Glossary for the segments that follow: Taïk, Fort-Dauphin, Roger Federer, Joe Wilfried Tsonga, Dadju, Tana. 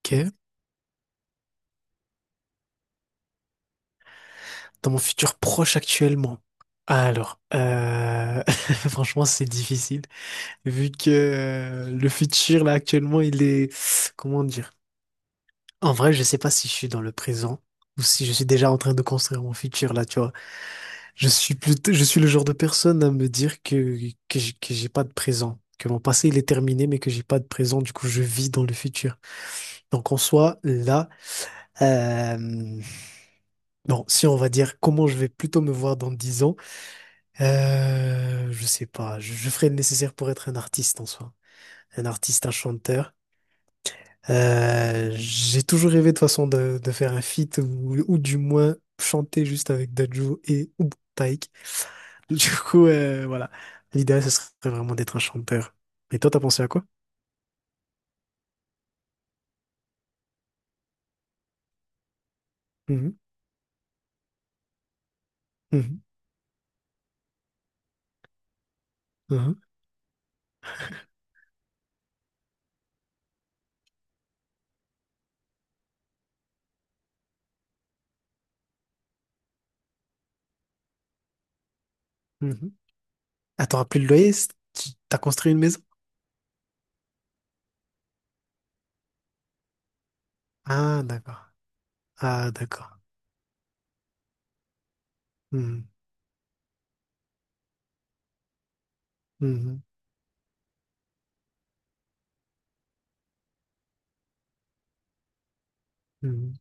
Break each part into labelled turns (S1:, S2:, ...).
S1: Ok. Dans mon futur proche actuellement. Alors, franchement, c'est difficile vu que le futur là actuellement, il est comment dire? En vrai, je sais pas si je suis dans le présent ou si je suis déjà en train de construire mon futur là. Tu vois, je suis plutôt, je suis le genre de personne à me dire que j'ai pas de présent, que mon passé il est terminé, mais que j'ai pas de présent. Du coup, je vis dans le futur. Donc en soi, là, euh, bon, si on va dire comment je vais plutôt me voir dans 10 ans. Je sais pas. Je ferai le nécessaire pour être un artiste en soi. Un artiste, un chanteur. J'ai toujours rêvé de toute façon de faire un feat ou du moins chanter juste avec Dadju et ou Taïk. Du coup, voilà. L'idéal, ce serait vraiment d'être un chanteur. Et toi, t'as pensé à quoi? Mhm, mhm, mhm, mhm. Ah, t'auras plus de loyer? T'as construit une maison? Ah, d'accord. Ah, d'accord. Mhm, mhm, mhm,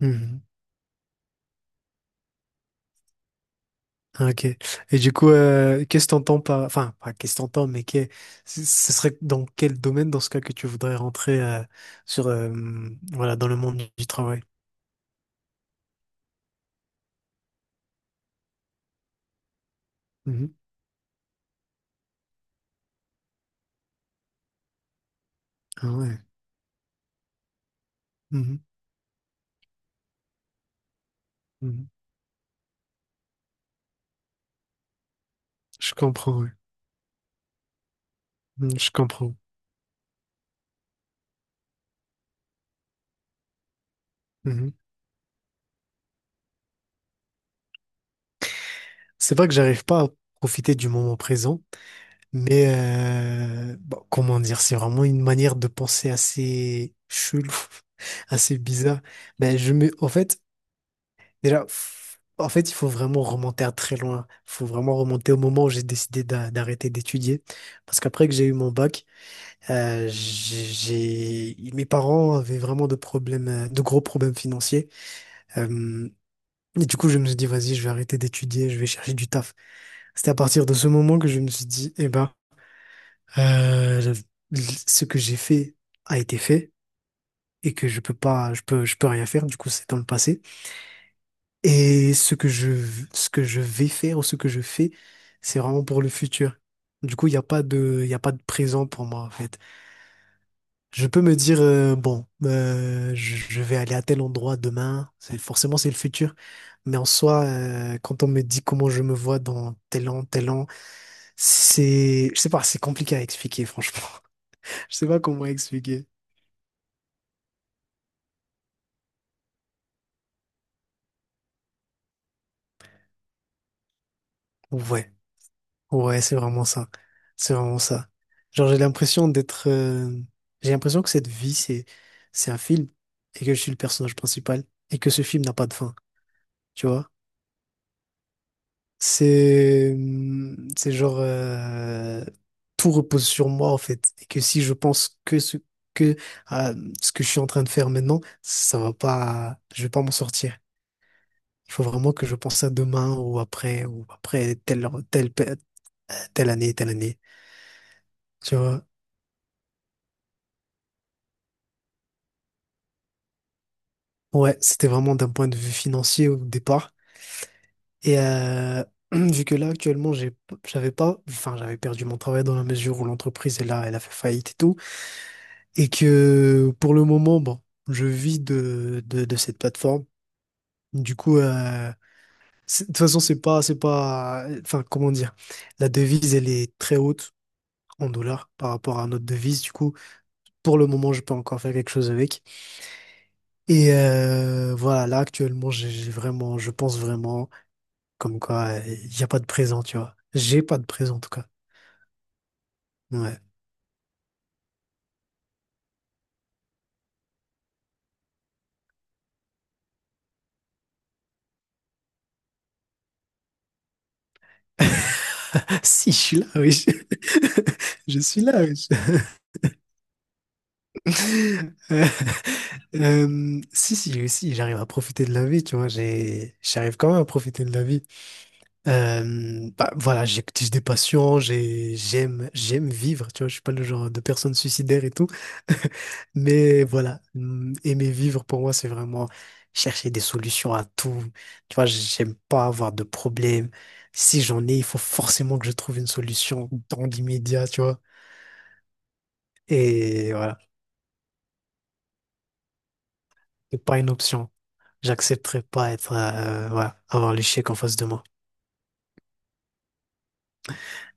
S1: mhm. Ah, ok. Et du coup, qu'est-ce que t'entends par... Enfin, pas qu'est-ce que t'entends, mais que... ce serait dans quel domaine, dans ce cas, que tu voudrais rentrer sur, voilà, dans le monde du travail? Mhm. Ah ouais. Mhm. Mhm. Je comprends, ouais. Mhm, je comprends. Mhm. C'est vrai que j'arrive pas à profiter du moment présent, mais bon, comment dire, c'est vraiment une manière de penser assez chelou, assez bizarre. Ben, je me... En fait, déjà, en fait, il faut vraiment remonter à très loin. Il faut vraiment remonter au moment où j'ai décidé d'arrêter d'étudier. Parce qu'après que j'ai eu mon bac, euh, j'ai, mes parents avaient vraiment de problèmes, de gros problèmes financiers. Euh, et du coup, je me suis dit, vas-y, je vais arrêter d'étudier, je vais chercher du taf. C'était à partir de ce moment que je me suis dit, eh ben, euh, ce que j'ai fait a été fait et que je peux pas, je peux rien faire. Du coup, c'est dans le passé. Et ce que je vais faire ou ce que je fais, c'est vraiment pour le futur. Du coup, il y a pas de présent pour moi, en fait. Je peux me dire, bon, je vais aller à tel endroit demain. Forcément, c'est le futur. Mais en soi, quand on me dit comment je me vois dans tel an, c'est, je sais pas, c'est compliqué à expliquer, franchement. Je sais pas comment expliquer. Ouais. Ouais, c'est vraiment ça. C'est vraiment ça. Genre, j'ai l'impression d'être. J'ai l'impression que cette vie, c'est un film et que je suis le personnage principal et que ce film n'a pas de fin. Tu vois? C'est. C'est genre. Tout repose sur moi, en fait. Et que si je pense que ce que à ce que je suis en train de faire maintenant, ça va pas. Je vais pas m'en sortir. Il faut vraiment que je pense à demain ou après telle année, telle année. Tu vois? Ouais, c'était vraiment d'un point de vue financier au départ. Et vu que là, actuellement, j'ai, p- j'avais pas, enfin, j'avais perdu mon travail dans la mesure où l'entreprise, elle a fait faillite et tout. Et que pour le moment, bon, je vis de cette plateforme. Du coup, de toute façon, c'est pas, enfin, comment dire, la devise, elle est très haute en dollars par rapport à notre devise. Du coup, pour le moment, je peux encore faire quelque chose avec. Et voilà, là, actuellement, je pense vraiment. Comme quoi, il n'y a pas de présent, tu vois. J'ai pas de présent, en tout cas. Ouais. Si, je suis là, oui. Je, je suis là, oui. Euh, si, oui, si, j'arrive à profiter de la vie, tu vois. J'ai, j'arrive quand même à profiter de la vie. Bah, voilà, j'écoute des passions, j'aime vivre, tu vois, je suis pas le genre de personne suicidaire et tout. Mais voilà, aimer vivre pour moi, c'est vraiment chercher des solutions à tout. Tu vois, j'aime pas avoir de problème. Si j'en ai, il faut forcément que je trouve une solution dans l'immédiat, tu vois. Et voilà, c'est pas une option. J'accepterai pas être, voilà, avoir l'échec en face de moi.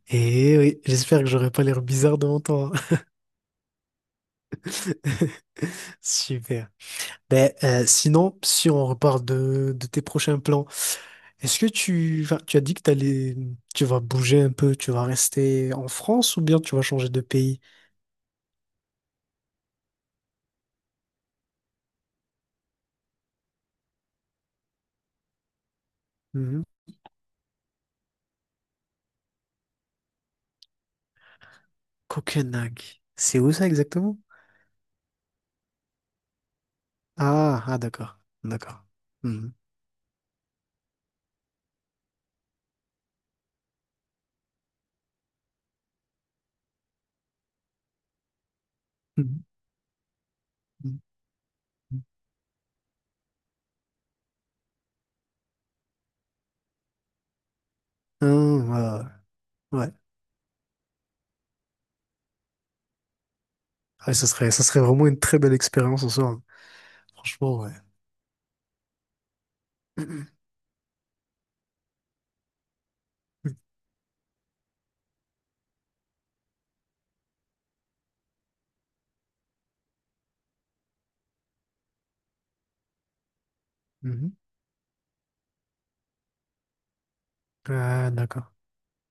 S1: Et oui, j'espère que j'aurai pas l'air bizarre devant toi. Super. Ben, sinon, si on reparle de tes prochains plans, est-ce que tu, enfin, tu as dit que t'allais, tu vas bouger un peu, tu vas rester en France ou bien tu vas changer de pays? Mhm. Copenhague. C'est où ça exactement? Ah, ah d'accord, d'accord. Mhm. Mhm. Mhm. Ah, ouais. Ouais, Ouais, ça serait vraiment une très belle expérience en soi. Hein. Franchement, ouais. Mhm. Ah, d'accord.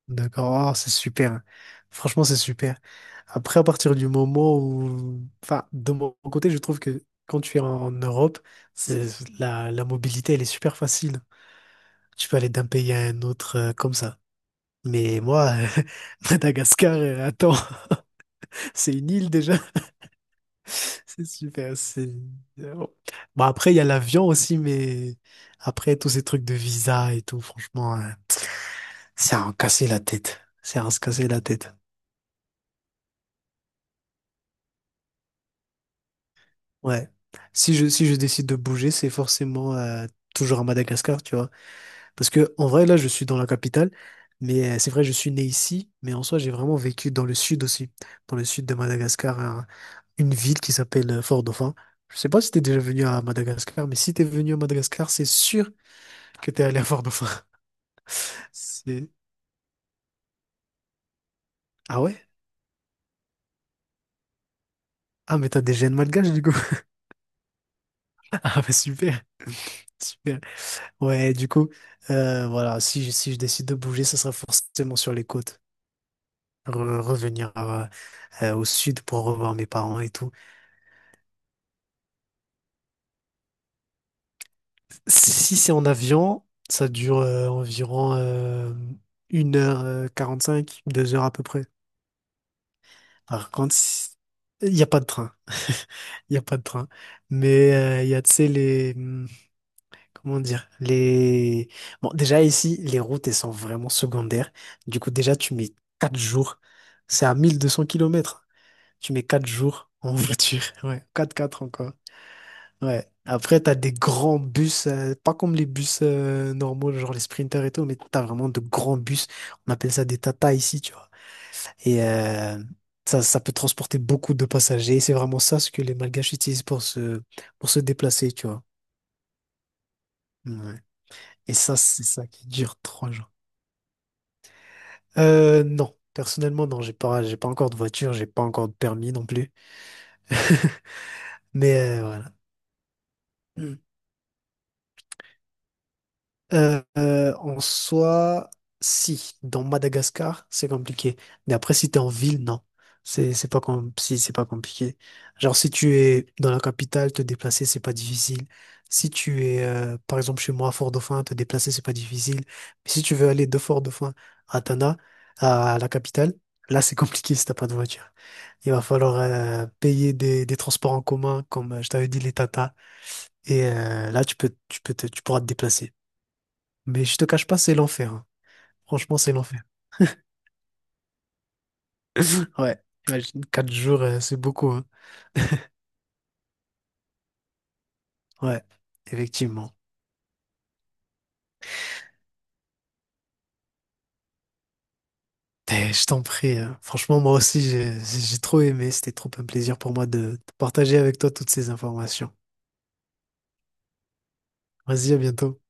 S1: D'accord. Oh, c'est super. Hein. Franchement, c'est super. Après, à partir du moment où... Enfin, de mon côté, je trouve que quand tu es en Europe, c'est, la mobilité, elle est super facile. Tu peux aller d'un pays à un autre comme ça. Mais moi, Madagascar, attends, c'est une île déjà. C'est super. C'est... Bon, après, il y a l'avion aussi, mais après, tous ces trucs de visa et tout, franchement, hein, c'est à en casser la tête. C'est à en se casser la tête. Ouais. Si je décide de bouger, c'est forcément toujours à Madagascar, tu vois. Parce que, en vrai, là, je suis dans la capitale, mais c'est vrai, je suis né ici, mais en soi, j'ai vraiment vécu dans le sud aussi, dans le sud de Madagascar, hein, une ville qui s'appelle Fort-Dauphin. Je sais pas si t'es déjà venu à Madagascar, mais si t'es venu à Madagascar, c'est sûr que t'es allé à Fort-Dauphin. C'est... Ah ouais? Ah, mais t'as des gènes malgaches, du coup. Ah, bah super, super. Ouais, du coup, voilà, si, si je décide de bouger, ça sera forcément sur les côtes. Revenir au sud pour revoir mes parents et tout. Si, si c'est en avion, ça dure environ une heure quarante-cinq, 2 heures à peu près. Par contre, il n'y a pas de train. Il n'y a pas de train. Mais il y a, tu sais, les... hmm, comment dire? Les... Bon, déjà ici, les routes, elles sont vraiment secondaires. Du coup, déjà, tu mets 4 jours. C'est à 1200 kilomètres. Tu mets 4 jours en voiture. Ouais, quatre encore. Ouais. Après, t'as des grands bus, pas comme les bus normaux, genre les sprinters et tout, mais t'as vraiment de grands bus. On appelle ça des Tata ici, tu vois. Et ça, ça peut transporter beaucoup de passagers. C'est vraiment ça ce que les Malgaches utilisent pour se déplacer, tu vois. Ouais. Et ça, c'est ça qui dure 3 jours. Non, personnellement, non, j'ai pas encore de voiture, j'ai pas encore de permis non plus. Mais voilà. En soi, si, dans Madagascar, c'est compliqué. Mais après, si t'es en ville, non. C'est pas com- si, c'est pas compliqué. Genre, si tu es dans la capitale, te déplacer, c'est pas difficile. Si tu es, par exemple, chez moi, à Fort-Dauphin, te déplacer, c'est pas difficile. Mais si tu veux aller de Fort-Dauphin à Tana, à la capitale, là, c'est compliqué si t'as pas de voiture. Il va falloir payer des transports en commun, comme je t'avais dit, les tata. Et là, tu pourras te déplacer. Mais je te cache pas, c'est l'enfer. Hein. Franchement, c'est l'enfer. Ouais, imagine, 4 jours, c'est beaucoup. Hein. Ouais, effectivement. Eh, je t'en prie. Hein. Franchement, moi aussi, j'ai trop aimé. C'était trop un plaisir pour moi de partager avec toi toutes ces informations. Vas-y, à bientôt.